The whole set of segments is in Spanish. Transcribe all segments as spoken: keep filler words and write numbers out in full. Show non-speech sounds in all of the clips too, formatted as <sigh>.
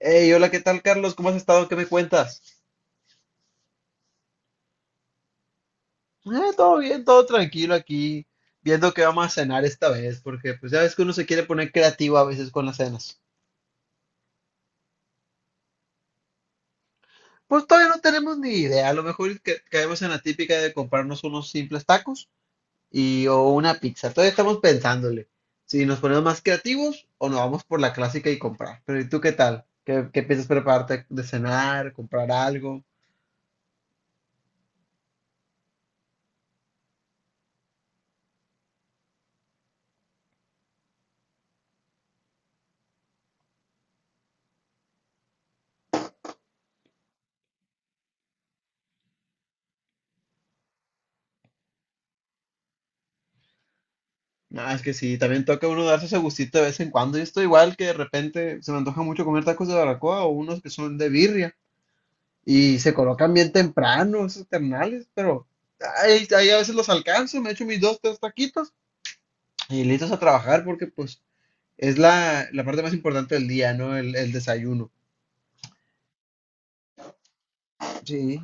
Hey, hola, ¿qué tal, Carlos? ¿Cómo has estado? ¿Qué me cuentas? Eh, Todo bien, todo tranquilo aquí, viendo qué vamos a cenar esta vez, porque pues ya ves que uno se quiere poner creativo a veces con las cenas. Pues todavía no tenemos ni idea, a lo mejor y ca- caemos en la típica de comprarnos unos simples tacos y o una pizza. Todavía estamos pensándole si nos ponemos más creativos o nos vamos por la clásica y comprar. Pero ¿y tú qué tal? ¿Qué, qué piensas prepararte de cenar, comprar algo? Ah, es que sí, también toca uno darse ese gustito de vez en cuando. Yo estoy igual, que de repente se me antoja mucho comer tacos de barbacoa o unos que son de birria y se colocan bien temprano esos ternales, pero ahí, ahí a veces los alcanzo, me echo mis dos, tres taquitos y listos a trabajar, porque pues es la, la parte más importante del día, ¿no? El, el desayuno. Sí.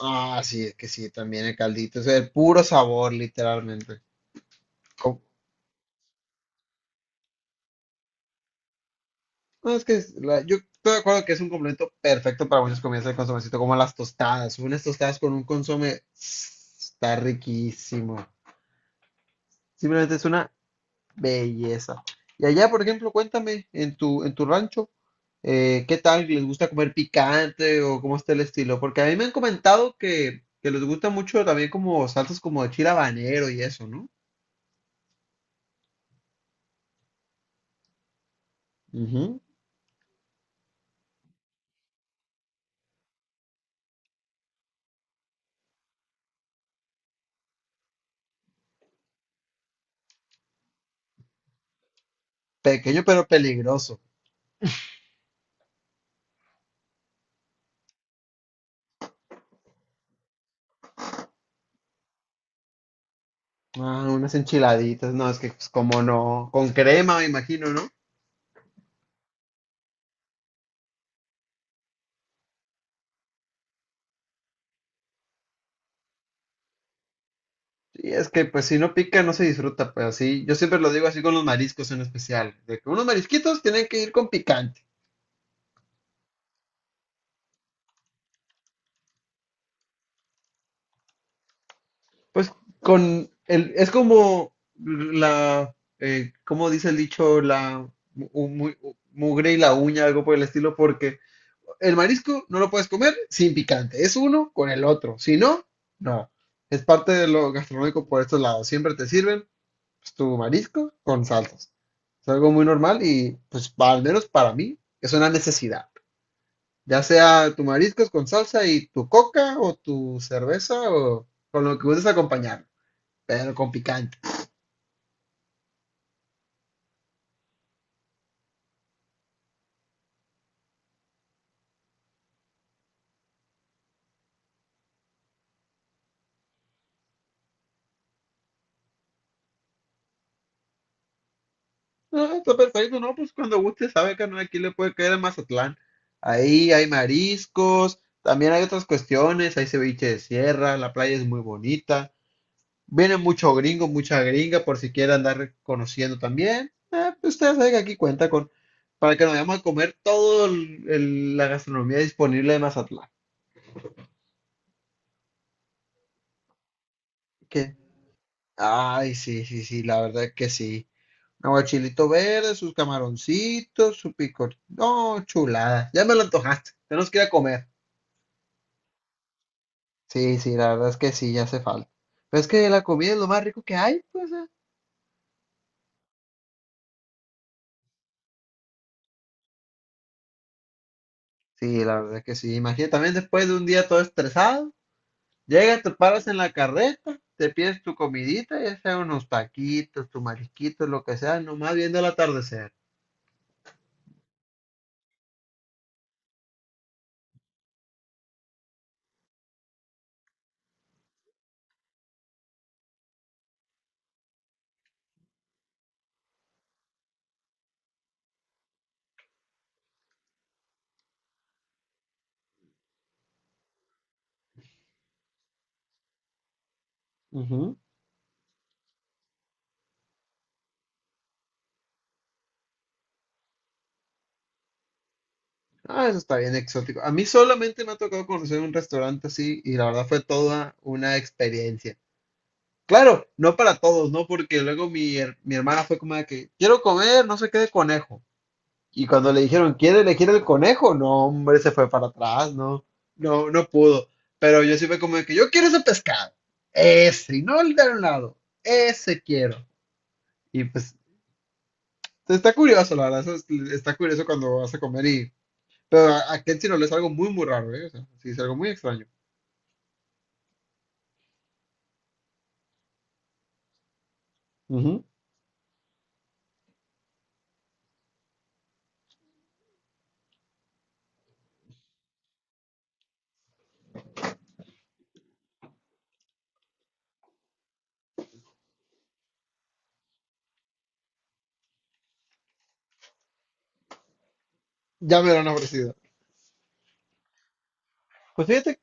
Ah, sí, es que sí, también el caldito, es el puro sabor, literalmente. No, es que es la- yo estoy de acuerdo que es un complemento perfecto para muchas comidas de consomecito, como las tostadas. Unas tostadas con un consome está riquísimo. Simplemente es una belleza. Y allá, por ejemplo, cuéntame, en tu, en tu rancho, eh, ¿qué tal? ¿Les gusta comer picante o cómo está el estilo? Porque a mí me han comentado que, que les gusta mucho también como salsas como de chile habanero y eso, ¿no? Ujú. Pequeño pero peligroso. Ah, unas enchiladitas, no, es que pues, como no, con crema me imagino, ¿no? Sí, es que pues si no pica no se disfruta, pues así, yo siempre lo digo así con los mariscos en especial, de que unos marisquitos tienen que ir con picante. Pues con el, es como la, eh, ¿cómo dice el dicho? La mu- u- mu- u- mugre y la uña, algo por el estilo, porque el marisco no lo puedes comer sin picante, es uno con el otro, si no, no. Es parte de lo gastronómico por estos lados, siempre te sirven pues, tu marisco con salsas. Es algo muy normal y, pues, pa- al menos para mí, es una necesidad. Ya sea tu mariscos con salsa y tu coca o tu cerveza o con lo que gustes acompañar, pero con picante. No, está perfecto, ¿no? Pues cuando guste, sabe que no, aquí le puede caer a Mazatlán. Ahí hay mariscos, también hay otras cuestiones, hay ceviche de sierra, la playa es muy bonita. Vienen muchos gringos, muchas gringas, por si quieren andar conociendo también. Eh, pues ustedes saben que aquí cuenta con, para que nos vayamos a comer toda la gastronomía disponible de Mazatlán. Qué ay, sí, sí, sí, la verdad que sí. Aguachilito verde, sus camaroncitos, su picor. No, chulada. Ya me lo antojaste. Tenemos que ir a comer. Sí, sí, la verdad es que sí, ya hace falta. Pero es que la comida es lo más rico que hay, pues. eh. Sí, la verdad que sí. Imagínate también después de un día todo estresado. Llegas, te paras en la carreta, te pides tu comidita, ya sea unos taquitos, tu mariquito, lo que sea, nomás viendo el atardecer. Ujú. Ah, eso está bien exótico. A mí solamente me ha tocado conocer un restaurante así y la verdad fue toda una experiencia. Claro, no para todos, ¿no? Porque luego mi, her- mi hermana fue como de que quiero comer, no sé qué de conejo. Y cuando le dijeron, ¿quiere elegir el conejo? No, hombre, se fue para atrás, no, no, no pudo. Pero yo sí fue como de que yo quiero ese pescado. Ese, y no el de un lado. Ese quiero. Y pues está curioso, la verdad. Eso es- está curioso cuando vas a comer y. Pero a, a Ken sí no le es algo muy, muy raro, ¿eh? O sea, sí, es algo muy extraño. Ujú. Ya me lo han ofrecido. Pues fíjate,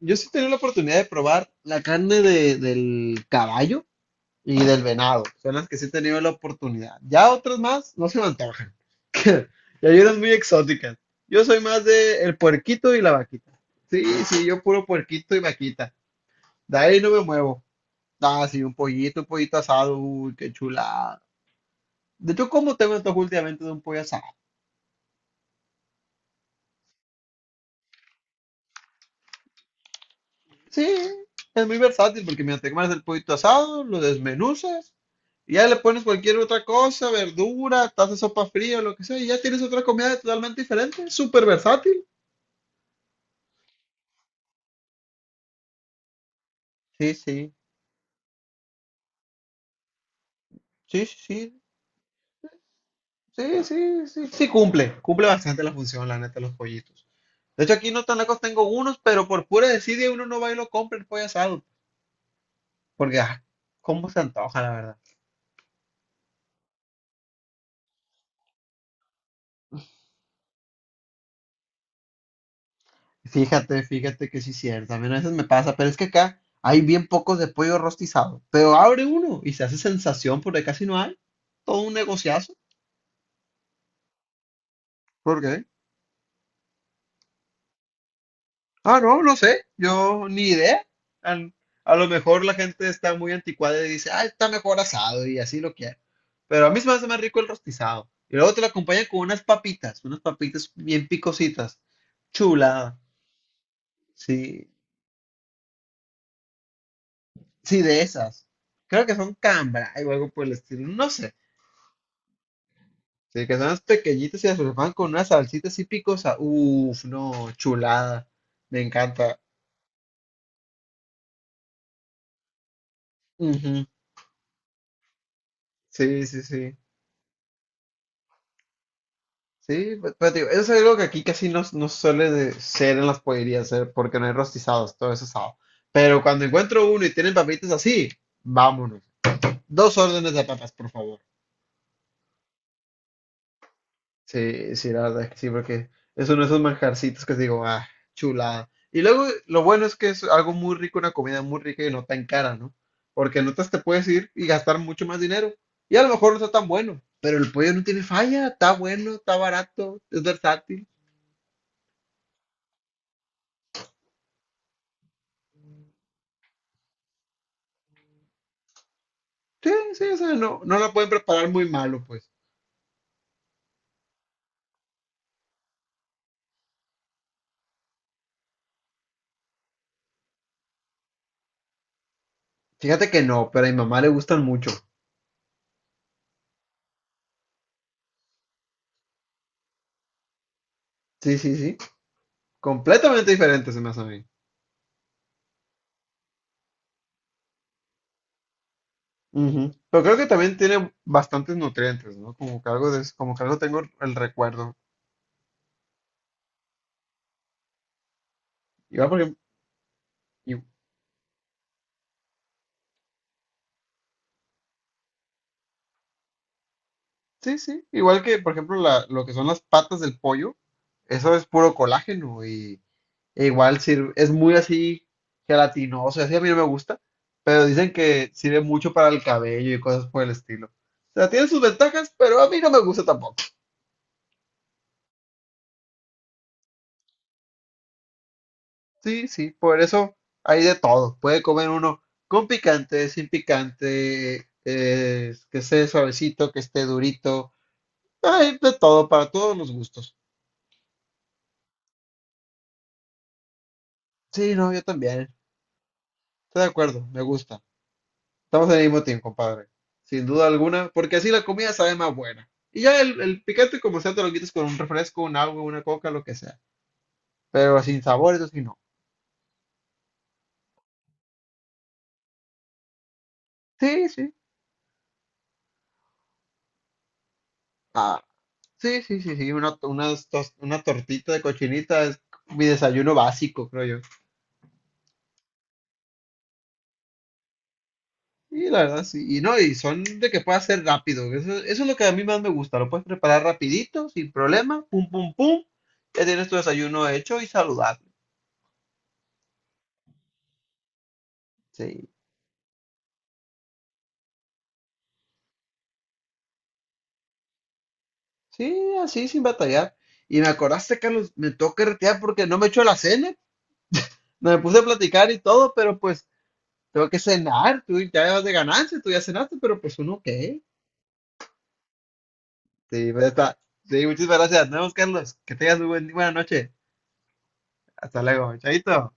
yo sí tenía la oportunidad de probar la carne de- del caballo y del venado. Son las que sí he tenido la oportunidad. Ya otras más no se me antojan. <laughs> Y Yayeras muy exóticas. Yo soy más de el puerquito y la vaquita. Sí, sí, yo puro puerquito y vaquita. De ahí no me muevo. Ah, sí, un pollito, un pollito asado. Uy, qué chulada. De hecho, ¿cómo tengo antojo últimamente de un pollo asado? Sí, es muy versátil porque mientras te comes el pollito asado, lo desmenuzas y ya le pones cualquier otra cosa, verdura, taza de sopa fría, lo que sea, y ya tienes otra comida totalmente diferente. Súper versátil. Sí, sí, sí, sí, sí. Sí, sí, sí, sí cumple, cumple bastante la función, la neta, los pollitos. De hecho, aquí no tan lejos tengo unos, pero por pura desidia uno no va y lo compra el pollo asado, porque, ah, cómo se antoja, la verdad. Fíjate, fíjate que sí es cierto, a mí a veces me pasa, pero es que acá hay bien pocos de pollo rostizado, pero abre uno y se hace sensación porque casi no hay, todo un negociazo. ¿Por qué? Ah, no, no sé, yo ni idea. An- A, lo mejor la gente está muy anticuada y dice, ah, está mejor asado y así lo quiere. Pero a mí se me hace más rico el rostizado. Y luego te lo acompañan con unas papitas, unas papitas bien picositas. Chula, sí, sí, de esas. Creo que son cambra o algo por el estilo, no sé. Sí, que son unas pequeñitas y las repasan con una salsita así picosa. Uf, no, chulada. Me encanta. Ujú, sí, sí, sí. Sí, pe- pero, digo, eso es algo que aquí casi no, no suele de ser en las pollerías, eh, porque no hay rostizados, todo eso es asado. Pero cuando encuentro uno y tienen papitas así, vámonos. Dos órdenes de papas, por favor. Sí, sí, la verdad es que sí, porque es uno de esos manjarcitos que digo, ah, chulada. Y luego lo bueno es que es algo muy rico, una comida muy rica y no tan cara, ¿no? Porque en otras te puedes ir y gastar mucho más dinero. Y a lo mejor no está tan bueno, pero el pollo no tiene falla, está bueno, está barato, es versátil. Sí, sí, o sea, no, no la pueden preparar muy malo, pues. Fíjate que no, pero a mi mamá le gustan mucho. Sí, sí, sí. Completamente diferente se me hace a mí. Ujú. Pero creo que también tiene bastantes nutrientes, ¿no? Como que algo de, como que algo tengo el recuerdo. Igual, porque sí, sí. Igual que, por ejemplo, la- lo que son las patas del pollo, eso es puro colágeno y e igual sirve, es muy así gelatinoso, así a mí no me gusta, pero dicen que sirve mucho para el cabello y cosas por el estilo. O sea, tiene sus ventajas, pero a mí no me gusta tampoco. Sí, sí, por eso hay de todo. Puede comer uno con picante, sin picante, eh, que esté suavecito, que esté durito. Hay de todo, para todos los gustos. Sí, no, yo también. Estoy de acuerdo, me gusta. Estamos en el mismo team, compadre. Sin duda alguna, porque así la comida sabe más buena. Y ya el, el picante, como sea, te lo quitas con un refresco, un agua, una coca, lo que sea. Pero sin sabor, eso sí no. Sí, sí. Ah, sí, sí, sí, sí. Una, unas tos- una tortita de cochinita es mi desayuno básico, creo yo. Y la verdad, sí. Y no, y son de que pueda ser rápido. Eso, eso es lo que a mí más me gusta. Lo puedes preparar rapidito, sin problema. Pum, pum, pum. Ya tienes tu desayuno hecho y saludable. Sí. Sí, así, sin batallar. Y me acordaste, Carlos, me tengo que retirar porque no me echó la cena. No, me puse a platicar y todo, pero pues tengo que cenar. Tú ya vas de ganancia, tú ya cenaste, pero pues uno qué. Sí, pues, ya está. Sí, muchas gracias. Nos vemos, Carlos. Que tengas muy buen- buena noche. Hasta luego. Chaito.